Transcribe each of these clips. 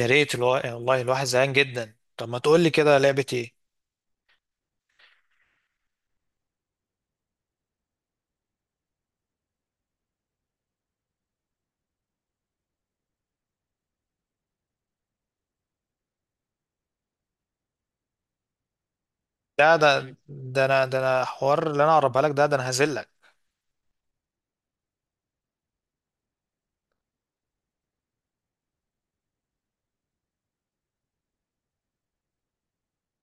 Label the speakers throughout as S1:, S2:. S1: يا ريت والله الواحد زهقان جدا. طب ما تقول لي كده لعبة ايه؟ ده ده ده انا ده انا حوار اللي انا اقربها لك. ده ده انا هذلك.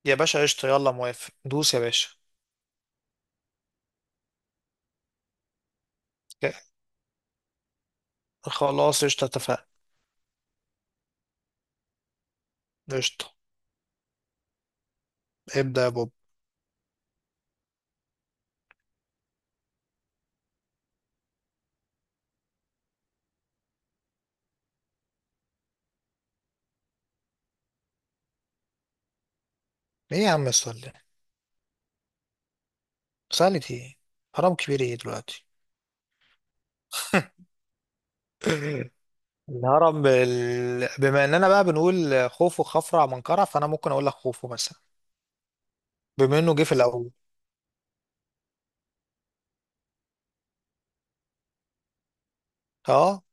S1: يا باشا قشطة، يلا موافق، دوس يا باشا. ك- خلاص قشطة اتفقنا. قشطة ابدأ يا بوب. ايه يا عم السؤال ده؟ سألت ايه؟ هرم كبير ايه دلوقتي؟ بما اننا بقى بنقول خوفو خفرع منقرع، فانا ممكن اقول لك خوفو مثلا، بما انه جه في الاول. اه،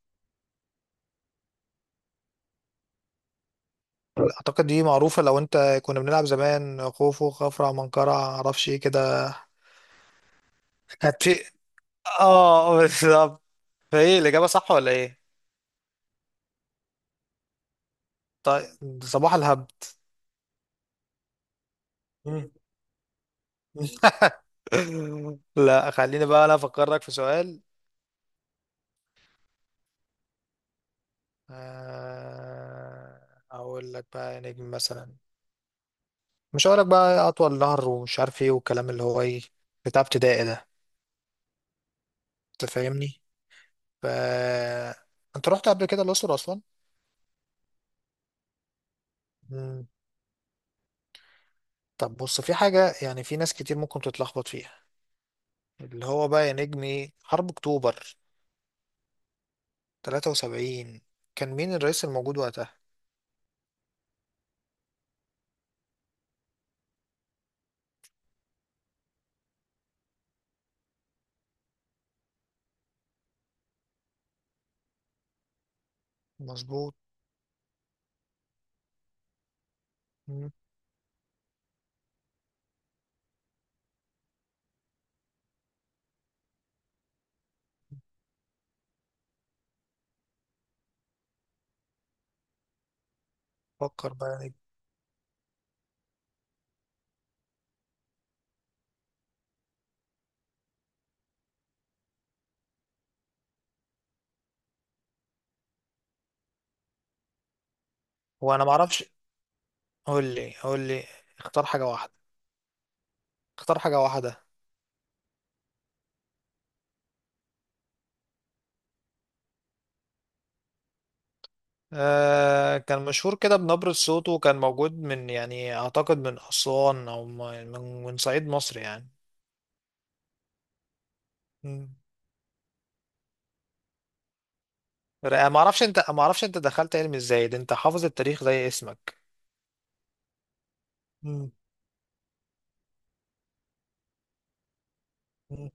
S1: اعتقد دي معروفه، لو انت كنا بنلعب زمان خوفو خفرع منقرع معرفش ايه كده. هتشي. اه بالظبط. فايه الاجابه صح ولا ايه؟ طيب، صباح الهبد. مم. لا خليني بقى انا افكرك في سؤال. اقول لك بقى يا نجم مثلا، مش هقول لك بقى اطول نهر ومش عارف ايه، والكلام اللي هو ايه بتاع ابتدائي ده، انت فاهمني. ف انت رحت قبل كده الاقصر اصلا؟ طب بص، في حاجة يعني في ناس كتير ممكن تتلخبط فيها، اللي هو بقى يا نجمي حرب أكتوبر 73، كان مين الرئيس الموجود وقتها؟ مظبوط. مم. فكر بقى يا نجمي. هو أنا معرفش، قول لي قول لي، اختار حاجة واحدة، اختار حاجة واحدة. آه كان مشهور كده بنبرة صوته، وكان موجود من، يعني أعتقد من أسوان، أو من صعيد مصر يعني. مم. رائع. معرفش أنت، معرفش أنت دخلت علم إزاي ده، أنت حافظ التاريخ زي اسمك. مم. مم.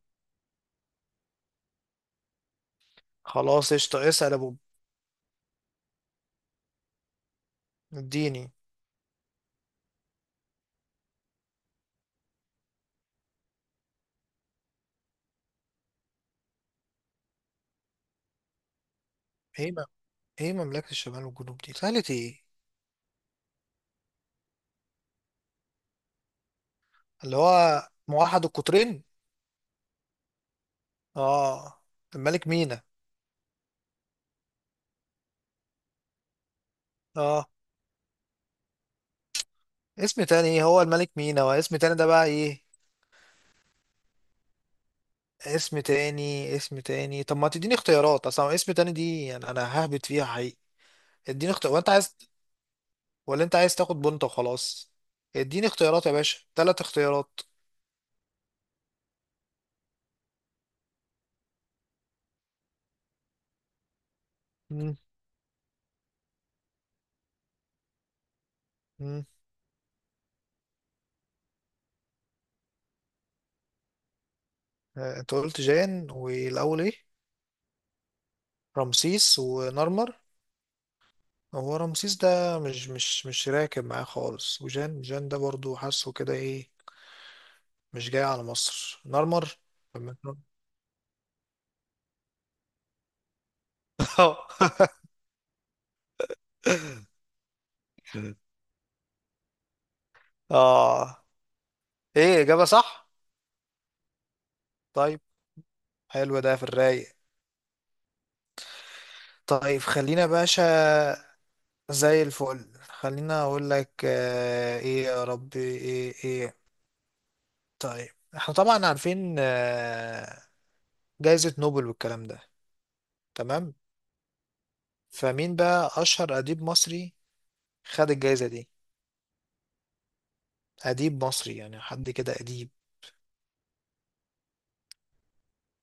S1: خلاص قشطة، اسأل يا أبو. اديني. ايه م- ايه مملكة الشمال والجنوب دي سهلة ايه؟ اللي هو موحد القطرين. اه، الملك مينا. اه. اسم تاني ايه؟ هو الملك مينا، واسم تاني ده بقى ايه؟ اسم تاني، اسم تاني، طب ما تديني اختيارات اصلا. اسم تاني دي يعني انا ههبط فيها حقيقي. اديني اختيار وانت عايز، ولا انت عايز تاخد بنت وخلاص؟ اديني اختيارات يا باشا، ثلاث اختيارات. مم. مم. آه، انت قلت جان والاول ايه؟ رمسيس ونرمر. هو رمسيس ده مش راكب معاه خالص، وجان جان ده برضو حاسه كده ايه، مش جاي على مصر. نرمر. لما يكون- اه. ايه، اجابة صح؟ طيب، حلو ده في الرايق. طيب خلينا باشا، زي الفل. خلينا اقول لك، آه ايه يا ربي، ايه ايه. طيب احنا طبعا عارفين آه جائزة نوبل والكلام ده، تمام. فمين بقى اشهر اديب مصري خد الجائزة دي؟ أديب مصري، يعني حد كده أديب.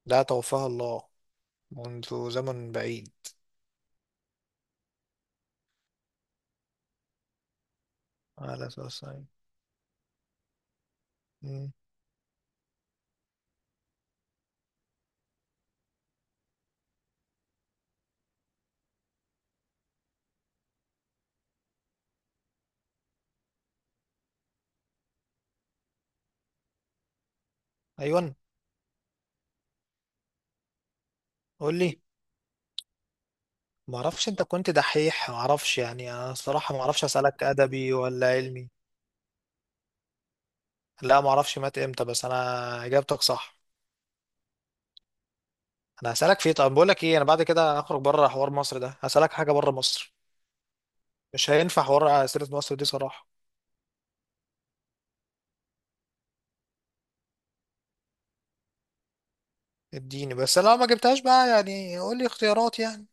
S1: لا، توفاه الله منذ زمن بعيد. على أساس. أمم. أيوة قول لي. ما اعرفش انت كنت دحيح، ما اعرفش يعني، انا الصراحه ما اعرفش اسالك ادبي ولا علمي. لا ما اعرفش مات امتى، بس انا اجابتك صح. انا هسالك في طب، بقول لك ايه، انا بعد كده هخرج بره حوار مصر ده، هسالك حاجه بره مصر، مش هينفع حوار اسئله مصر دي صراحه. اديني، بس لو ما جبتهاش بقى يعني قول لي اختيارات يعني.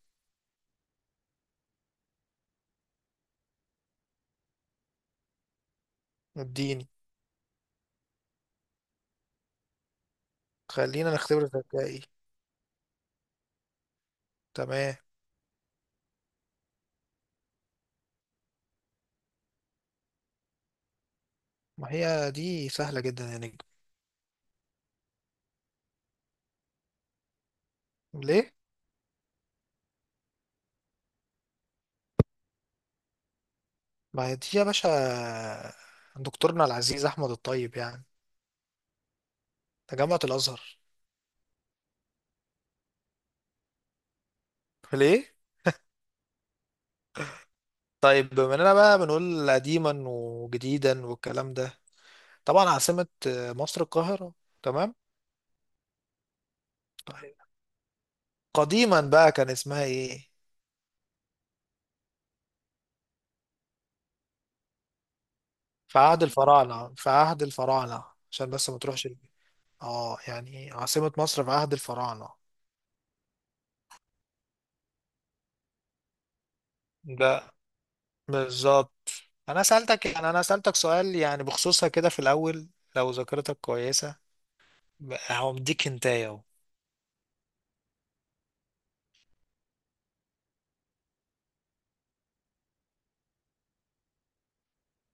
S1: اديني، خلينا نختبر ذكائي. تمام. ما هي دي سهلة جدا يا نجم. ليه؟ ما هي دي يا باشا، دكتورنا العزيز أحمد الطيب يعني، تجمعة الأزهر. ليه؟ طيب بما إننا بقى بنقول قديما وجديدا والكلام ده، طبعا عاصمة مصر القاهرة، تمام؟ طيب قديما بقى كان اسمها إيه؟ في عهد الفراعنة، في عهد الفراعنة، عشان بس ما تروحش اه، يعني عاصمة مصر في عهد الفراعنة. ده بالظبط، انا سألتك، يعني انا سألتك سؤال يعني بخصوصها كده في الاول، لو ذاكرتك كويسة. هو مديك هنتاية اهو.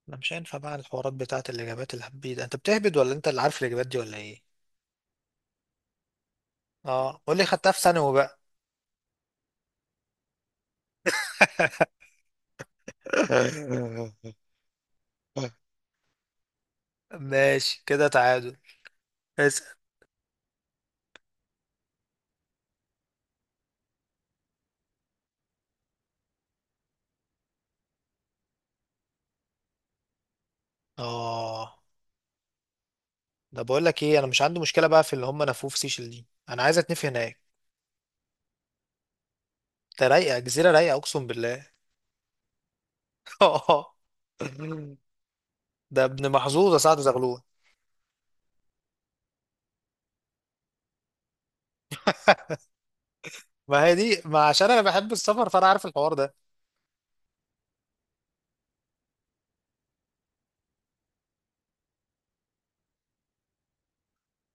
S1: انا مش هينفع بقى الحوارات بتاعت الاجابات الهبيد، انت بتهبد ولا انت اللي عارف الاجابات دي ولا ايه؟ اه قول لي، خدتها في ثانوي بقى. ماشي كده، تعادل. اسأل. اه، ده بقول لك ايه، انا مش عندي مشكلة بقى في اللي هم نفوه في سيشل دي، انا عايز اتنفي هناك. ده رايقة، جزيرة رايقة اقسم بالله. ده ابن محظوظ يا سعد زغلول. ما هي دي، ما عشان انا بحب السفر فانا عارف الحوار ده.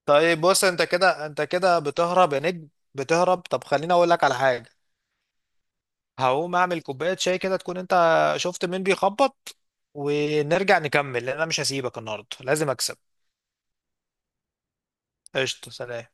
S1: طيب بص، انت كده انت كده بتهرب يا نجم، بتهرب. طب خليني اقول لك على حاجه. هقوم اعمل كوبايه شاي كده، تكون انت شفت مين بيخبط، ونرجع نكمل، لان انا مش هسيبك النهارده، لازم اكسب. قشطه، سلام.